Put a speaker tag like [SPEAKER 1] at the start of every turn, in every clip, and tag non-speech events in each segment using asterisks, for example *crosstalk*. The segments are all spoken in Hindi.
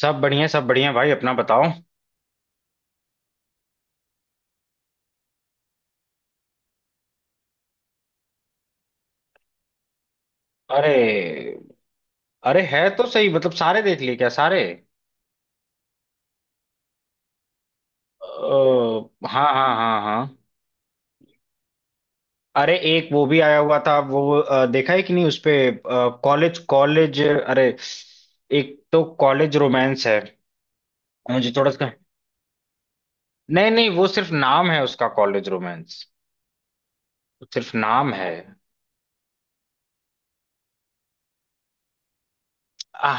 [SPEAKER 1] सब बढ़िया भाई, अपना बताओ। अरे, अरे है तो सही। मतलब सारे देख लिए क्या, सारे? अ, हाँ हाँ हाँ हाँ। अरे, एक वो भी आया हुआ था वो देखा है कि नहीं उसपे? कॉलेज कॉलेज, अरे, एक तो कॉलेज रोमांस है। मुझे थोड़ा सा। नहीं नहीं, वो सिर्फ नाम है उसका, कॉलेज रोमांस। सिर्फ नाम है। हाँ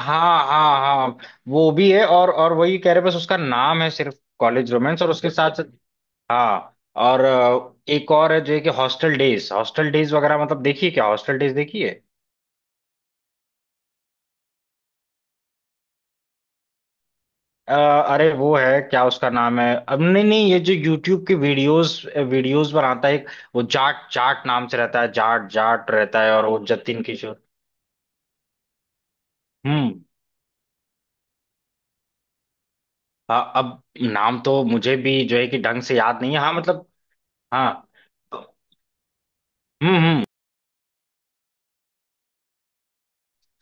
[SPEAKER 1] हाँ हाँ, वो भी है। और वही कह रहे, बस उसका नाम है सिर्फ कॉलेज रोमांस, और उसके साथ। हाँ, और एक और है जो है कि हॉस्टल डेज। हॉस्टल डेज वगैरह मतलब देखिए। क्या हॉस्टल डेज देखिए? अरे, वो है क्या उसका नाम है अब? नहीं नहीं, ये जो यूट्यूब के वीडियोस वीडियोस बनाता है एक, वो जाट जाट नाम से रहता है, जाट जाट रहता है, और वो जतिन किशोर। हम्म। हाँ अब नाम तो मुझे भी जो है कि ढंग से याद नहीं है, हाँ मतलब। हाँ, हम्म।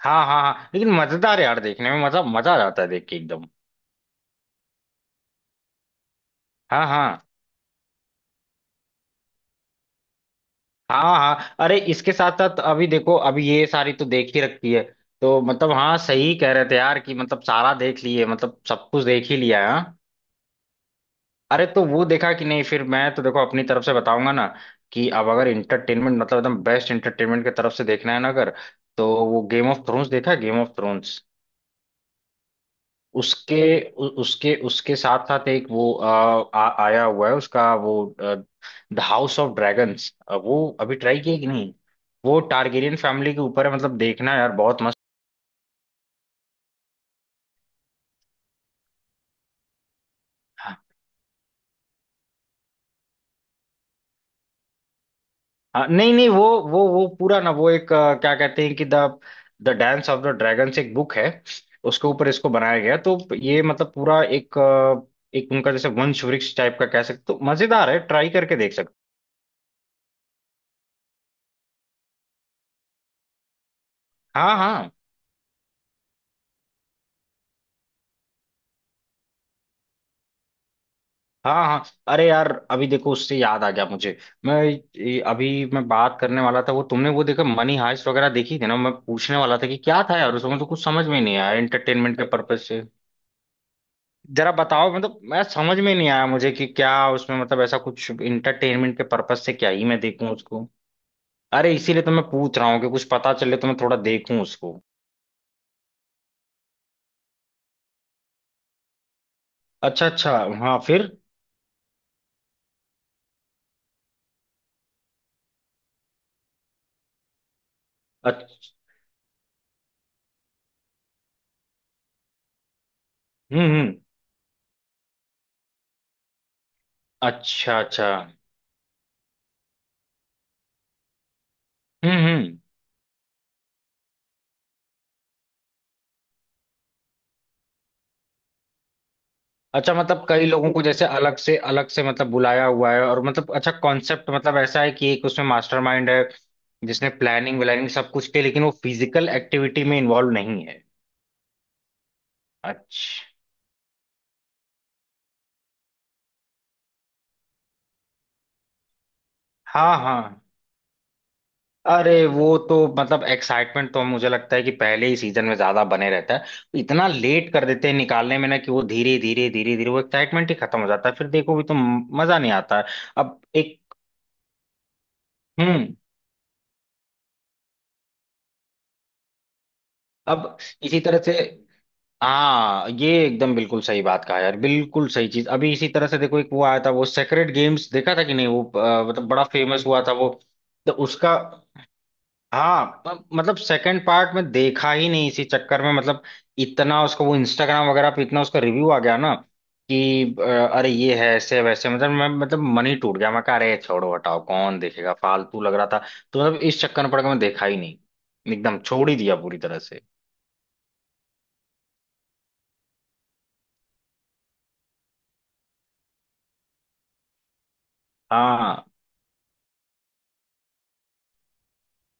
[SPEAKER 1] हाँ हाँ हाँ, लेकिन मजेदार है यार देखने में, मतलब मजा आ जाता है देख के एकदम। हाँ हाँ हाँ हाँ। अरे, इसके साथ साथ अभी देखो, अभी ये सारी तो देख ही रखी है। तो मतलब हाँ, सही कह रहे थे यार कि मतलब सारा देख लिए, मतलब सब कुछ देख ही लिया है हाँ? अरे, तो वो देखा कि नहीं फिर? मैं तो देखो अपनी तरफ से बताऊंगा ना कि अब अगर इंटरटेनमेंट, मतलब एकदम बेस्ट इंटरटेनमेंट की तरफ से देखना है ना अगर, तो वो गेम ऑफ थ्रोन्स देखा है, गेम ऑफ थ्रोन्स? उसके, उसके साथ साथ एक वो आया हुआ है उसका, वो द हाउस ऑफ ड्रैगन्स। वो अभी ट्राई किया कि नहीं? वो टारगेरियन फैमिली के ऊपर है, मतलब देखना यार बहुत मस्त। हाँ हाँ, नहीं नहीं, वो वो पूरा ना, वो एक क्या कहते हैं कि the the Dance of the Dragons एक बुक है। उसके ऊपर इसको बनाया गया है। तो ये मतलब पूरा एक एक उनका जैसे वंश वृक्ष टाइप का कह सकते हो। तो मजेदार है, ट्राई करके देख सकते हो। हाँ हाँ। हाँ हाँ। अरे यार, अभी देखो उससे याद आ गया मुझे। अभी मैं बात करने वाला था वो, तुमने वो देखा मनी हाइस्ट वगैरह देखी थी ना? मैं पूछने वाला था कि क्या था यार उसमें, तो कुछ समझ में ही नहीं आया एंटरटेनमेंट के पर्पज से। जरा बताओ, मतलब मैं समझ में नहीं आया मुझे कि क्या उसमें, मतलब ऐसा कुछ इंटरटेनमेंट के पर्पज से क्या ही मैं देखूं उसको। अरे, इसीलिए तो मैं पूछ रहा हूँ कि कुछ पता चले तो मैं थोड़ा देखूं उसको। अच्छा, अच्छा। हाँ फिर? अच्छा। हम्म, हम्म। अच्छा, अच्छा। हम्म, हम्म। अच्छा, मतलब कई लोगों को जैसे अलग से मतलब बुलाया हुआ है, और मतलब अच्छा कॉन्सेप्ट। मतलब ऐसा है कि एक उसमें मास्टरमाइंड है जिसने प्लानिंग व्लानिंग सब कुछ की, लेकिन वो फिजिकल एक्टिविटी में इन्वॉल्व नहीं है। अच्छा। हाँ हाँ, अरे वो तो मतलब एक्साइटमेंट तो मुझे लगता है कि पहले ही सीजन में ज्यादा बने रहता है। इतना लेट कर देते हैं निकालने में ना कि वो धीरे धीरे धीरे धीरे वो एक्साइटमेंट ही खत्म हो जाता है। फिर देखो भी तो मजा नहीं आता है। अब एक। हम्म। अब इसी तरह से। हाँ, ये एकदम बिल्कुल सही बात कहा यार, बिल्कुल सही चीज। अभी इसी तरह से देखो, एक वो आया था वो सेक्रेड गेम्स, देखा था कि नहीं वो? मतलब बड़ा फेमस हुआ था वो। तो उसका। हाँ, मतलब सेकंड पार्ट में देखा ही नहीं, इसी चक्कर में मतलब। इतना उसका वो इंस्टाग्राम वगैरह पे इतना उसका रिव्यू आ गया ना कि अरे, ये है ऐसे वैसे मतलब, मैं मतलब मन ही टूट गया। मैं कहा अरे छोड़ो हटाओ कौन देखेगा, फालतू लग रहा था। तो मतलब इस चक्कर में पड़ के मैं देखा ही नहीं, एकदम छोड़ ही दिया पूरी तरह से। हाँ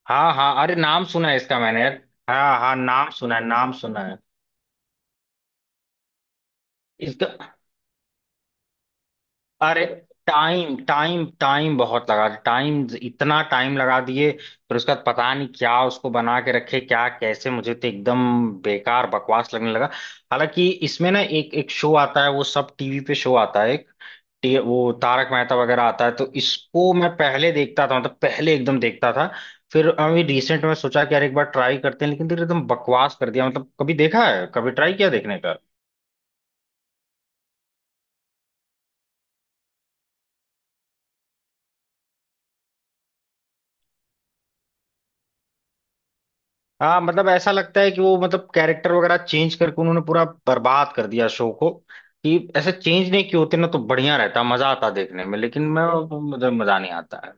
[SPEAKER 1] हाँ हाँ, अरे नाम सुना है इसका मैंने यार। हाँ हाँ, नाम सुना है, नाम सुना है इसका। अरे टाइम टाइम टाइम बहुत लगा, टाइम इतना टाइम लगा दिए फिर उसके बाद। पता नहीं क्या उसको बना के रखे क्या कैसे, मुझे तो एकदम बेकार बकवास लगने लगा। हालांकि इसमें ना एक एक शो आता है, वो सब टीवी पे शो आता है एक, वो तारक मेहता वगैरह आता है। तो इसको मैं पहले देखता था, मतलब पहले एकदम देखता था। फिर अभी रिसेंट में सोचा कि यार एक बार ट्राई करते हैं, लेकिन फिर एकदम बकवास कर दिया मतलब। कभी देखा है, कभी ट्राई किया देखने का? हाँ, मतलब ऐसा लगता है कि वो मतलब कैरेक्टर वगैरह चेंज करके उन्होंने पूरा बर्बाद कर दिया शो को। कि ऐसे चेंज नहीं किए होते ना तो बढ़िया रहता, मजा आता देखने में, लेकिन मैं। मुझे मजा नहीं आता है।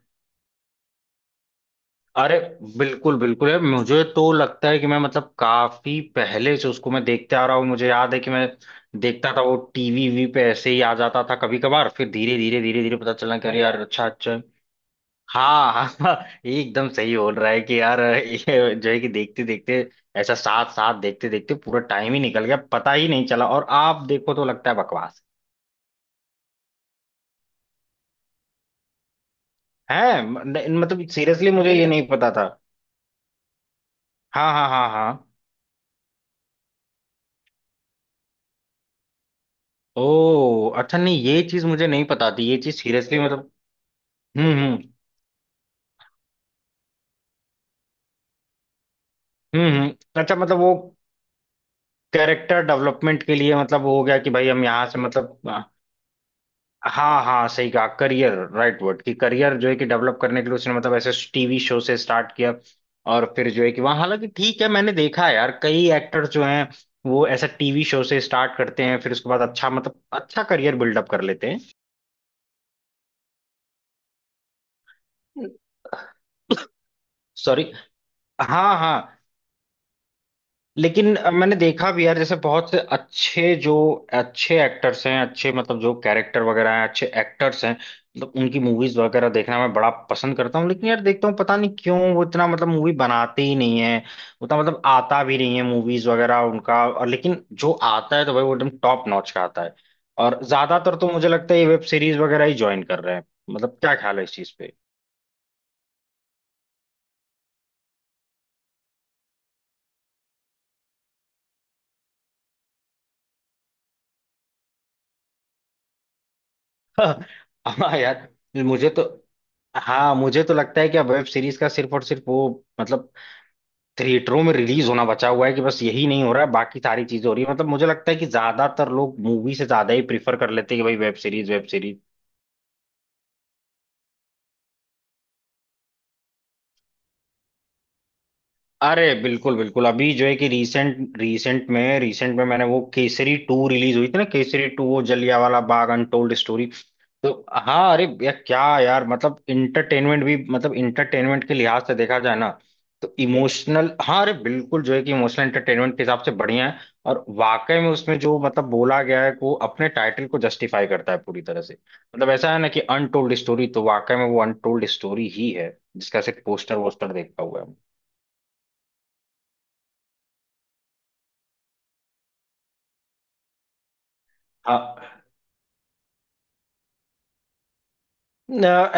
[SPEAKER 1] अरे बिल्कुल बिल्कुल है, मुझे तो लगता है कि मैं मतलब काफी पहले से उसको मैं देखते आ रहा हूँ। मुझे याद है कि मैं देखता था, वो टीवी वी पे ऐसे ही आ जाता था कभी कभार। फिर धीरे धीरे धीरे धीरे पता चला कि अरे यार, अच्छा अच्छा। हाँ हाँ हाँ, ये एकदम सही बोल रहा है कि यार, ये जो है कि देखते देखते ऐसा, साथ साथ देखते देखते पूरा टाइम ही निकल गया, पता ही नहीं चला और आप देखो तो लगता है बकवास है। मतलब सीरियसली मुझे ये बिल्कुल नहीं पता था। हाँ हाँ हाँ हाँ। ओ अच्छा, नहीं ये चीज मुझे नहीं पता थी, ये चीज सीरियसली मतलब। हम्म हम्म हम्म। अच्छा, मतलब वो कैरेक्टर डेवलपमेंट के लिए मतलब वो हो गया कि भाई हम यहाँ से मतलब। हाँ हाँ, सही कहा करियर राइट वर्ड कि करियर जो है कि डेवलप करने के लिए उसने मतलब ऐसे टीवी शो से स्टार्ट किया और फिर जो है कि वहाँ। हालांकि ठीक है, मैंने देखा है यार कई एक्टर्स जो हैं, वो ऐसा टीवी शो से स्टार्ट करते हैं फिर उसके बाद अच्छा मतलब अच्छा करियर बिल्डअप कर लेते हैं। सॉरी। हाँ हाँ, लेकिन मैंने देखा भी यार, जैसे बहुत से अच्छे जो अच्छे एक्टर्स हैं, अच्छे मतलब जो कैरेक्टर वगैरह हैं अच्छे एक्टर्स हैं। मतलब उनकी मूवीज वगैरह देखना मैं बड़ा पसंद करता हूँ, लेकिन यार देखता हूँ पता नहीं क्यों वो इतना मतलब मूवी बनाते ही नहीं है। उतना मतलब आता भी नहीं है मूवीज वगैरह उनका, और लेकिन जो आता है तो भाई वो एकदम टॉप नॉच का आता है। और ज्यादातर तो मुझे लगता है ये वेब सीरीज वगैरह ही ज्वाइन कर रहे हैं। मतलब क्या ख्याल है इस चीज पे? *laughs* हाँ। हाँ यार। मुझे तो। हाँ मुझे तो लगता है कि अब वेब सीरीज का सिर्फ और सिर्फ वो मतलब थिएटरों में रिलीज होना बचा हुआ है। कि बस यही नहीं हो रहा है, बाकी सारी चीजें हो रही है। मतलब मुझे लगता है कि ज्यादातर लोग मूवी से ज्यादा ही प्रीफर कर लेते हैं कि भाई वेब सीरीज, वेब सीरीज। अरे बिल्कुल बिल्कुल, अभी जो है कि रीसेंट रीसेंट में, रीसेंट में मैंने वो केसरी टू रिलीज हुई थी ना, केसरी टू, वो जलियांवाला बाग अनटोल्ड स्टोरी। तो हाँ, अरे यार क्या यार, मतलब इंटरटेनमेंट भी मतलब इंटरटेनमेंट के लिहाज से देखा जाए ना तो इमोशनल, हाँ अरे बिल्कुल जो है कि इमोशनल इंटरटेनमेंट के हिसाब से बढ़िया है। और वाकई में उसमें जो मतलब बोला गया है, वो अपने टाइटल को जस्टिफाई करता है पूरी तरह से। मतलब ऐसा है ना कि अनटोल्ड स्टोरी तो वाकई में वो अनटोल्ड स्टोरी ही है, जिसका सिर्फ पोस्टर वोस्टर देखा हुआ है। हाँ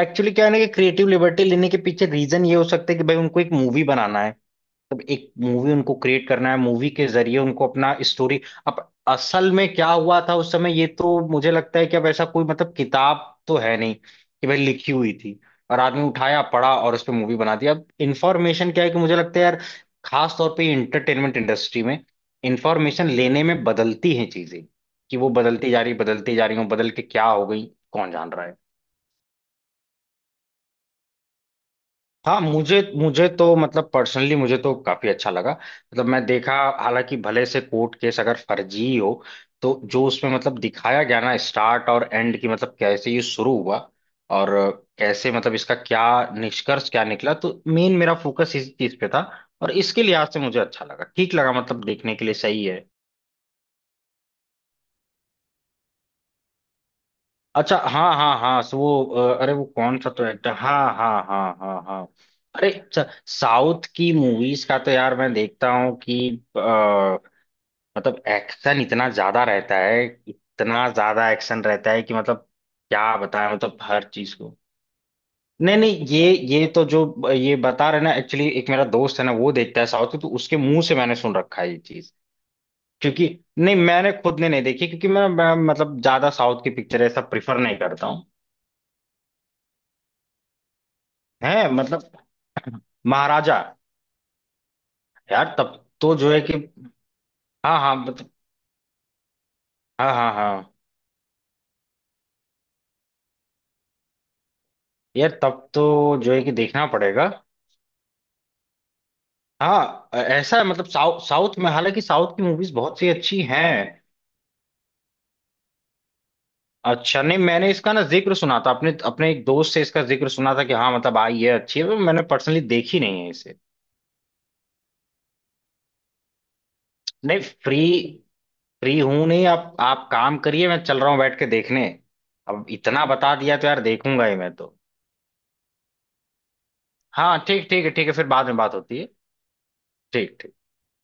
[SPEAKER 1] एक्चुअली क्या है ना कि क्रिएटिव लिबर्टी लेने के पीछे रीजन ये हो सकता है कि भाई उनको एक मूवी बनाना है। तब एक मूवी उनको क्रिएट करना है, मूवी के जरिए उनको अपना स्टोरी। अब असल में क्या हुआ था उस समय, ये तो मुझे लगता है कि अब ऐसा कोई मतलब किताब तो है नहीं कि भाई लिखी हुई थी और आदमी उठाया पढ़ा और उस पर मूवी बना दी। अब इन्फॉर्मेशन क्या है कि मुझे लगता है यार, खास तौर पे इंटरटेनमेंट इंडस्ट्री में इंफॉर्मेशन लेने में बदलती हैं चीजें। कि वो बदलती जा रही, बदलती जा रही, वो बदल के क्या हो गई कौन जान रहा है? हाँ, मुझे मुझे तो मतलब पर्सनली मुझे तो काफी अच्छा लगा, मतलब मैं देखा। हालांकि भले से कोर्ट केस अगर फर्जी ही हो, तो जो उसमें मतलब दिखाया गया ना स्टार्ट और एंड की, मतलब कैसे ये शुरू हुआ और कैसे, मतलब इसका क्या निष्कर्ष क्या निकला, तो मेन मेरा फोकस इस चीज पे था। और इसके लिहाज से मुझे अच्छा लगा, ठीक लगा, मतलब देखने के लिए सही है। अच्छा, हाँ हाँ हाँ, सो वो अरे वो कौन सा तो एक्टर, हाँ हाँ हाँ हाँ हाँ। अरे अच्छा। साउथ की मूवीज का तो यार मैं देखता हूँ कि अ, मतलब एक्शन इतना ज्यादा रहता है, इतना ज्यादा एक्शन रहता है कि मतलब क्या बताएं, मतलब हर चीज को। नहीं नहीं, ये तो जो ये बता रहे ना, एक्चुअली एक मेरा दोस्त है ना वो देखता है साउथ की, तो उसके मुंह से मैंने सुन रखा है ये चीज, क्योंकि। नहीं मैंने खुद ने नहीं देखी, क्योंकि मैं मतलब ज्यादा साउथ की पिक्चर ऐसा प्रिफर नहीं करता हूँ। है मतलब? महाराजा? यार तब तो जो है कि। हाँ हाँ मतलब। हाँ हाँ हाँ। यार तब तो जो है कि देखना पड़ेगा। हाँ, ऐसा है मतलब साउथ में हालांकि साउथ की मूवीज बहुत सी अच्छी हैं। अच्छा, नहीं मैंने इसका ना जिक्र सुना था, अपने अपने एक दोस्त से इसका जिक्र सुना था कि हाँ मतलब आई है, अच्छी है, पर मैंने पर्सनली देखी नहीं है इसे। नहीं फ्री, फ्री हूं नहीं, आप काम करिए, मैं चल रहा हूँ बैठ के देखने। अब इतना बता दिया तो यार देखूंगा ही मैं तो। हाँ ठीक, ठीक है, ठीक है, फिर बाद में बात होती है। ठीक ठीक।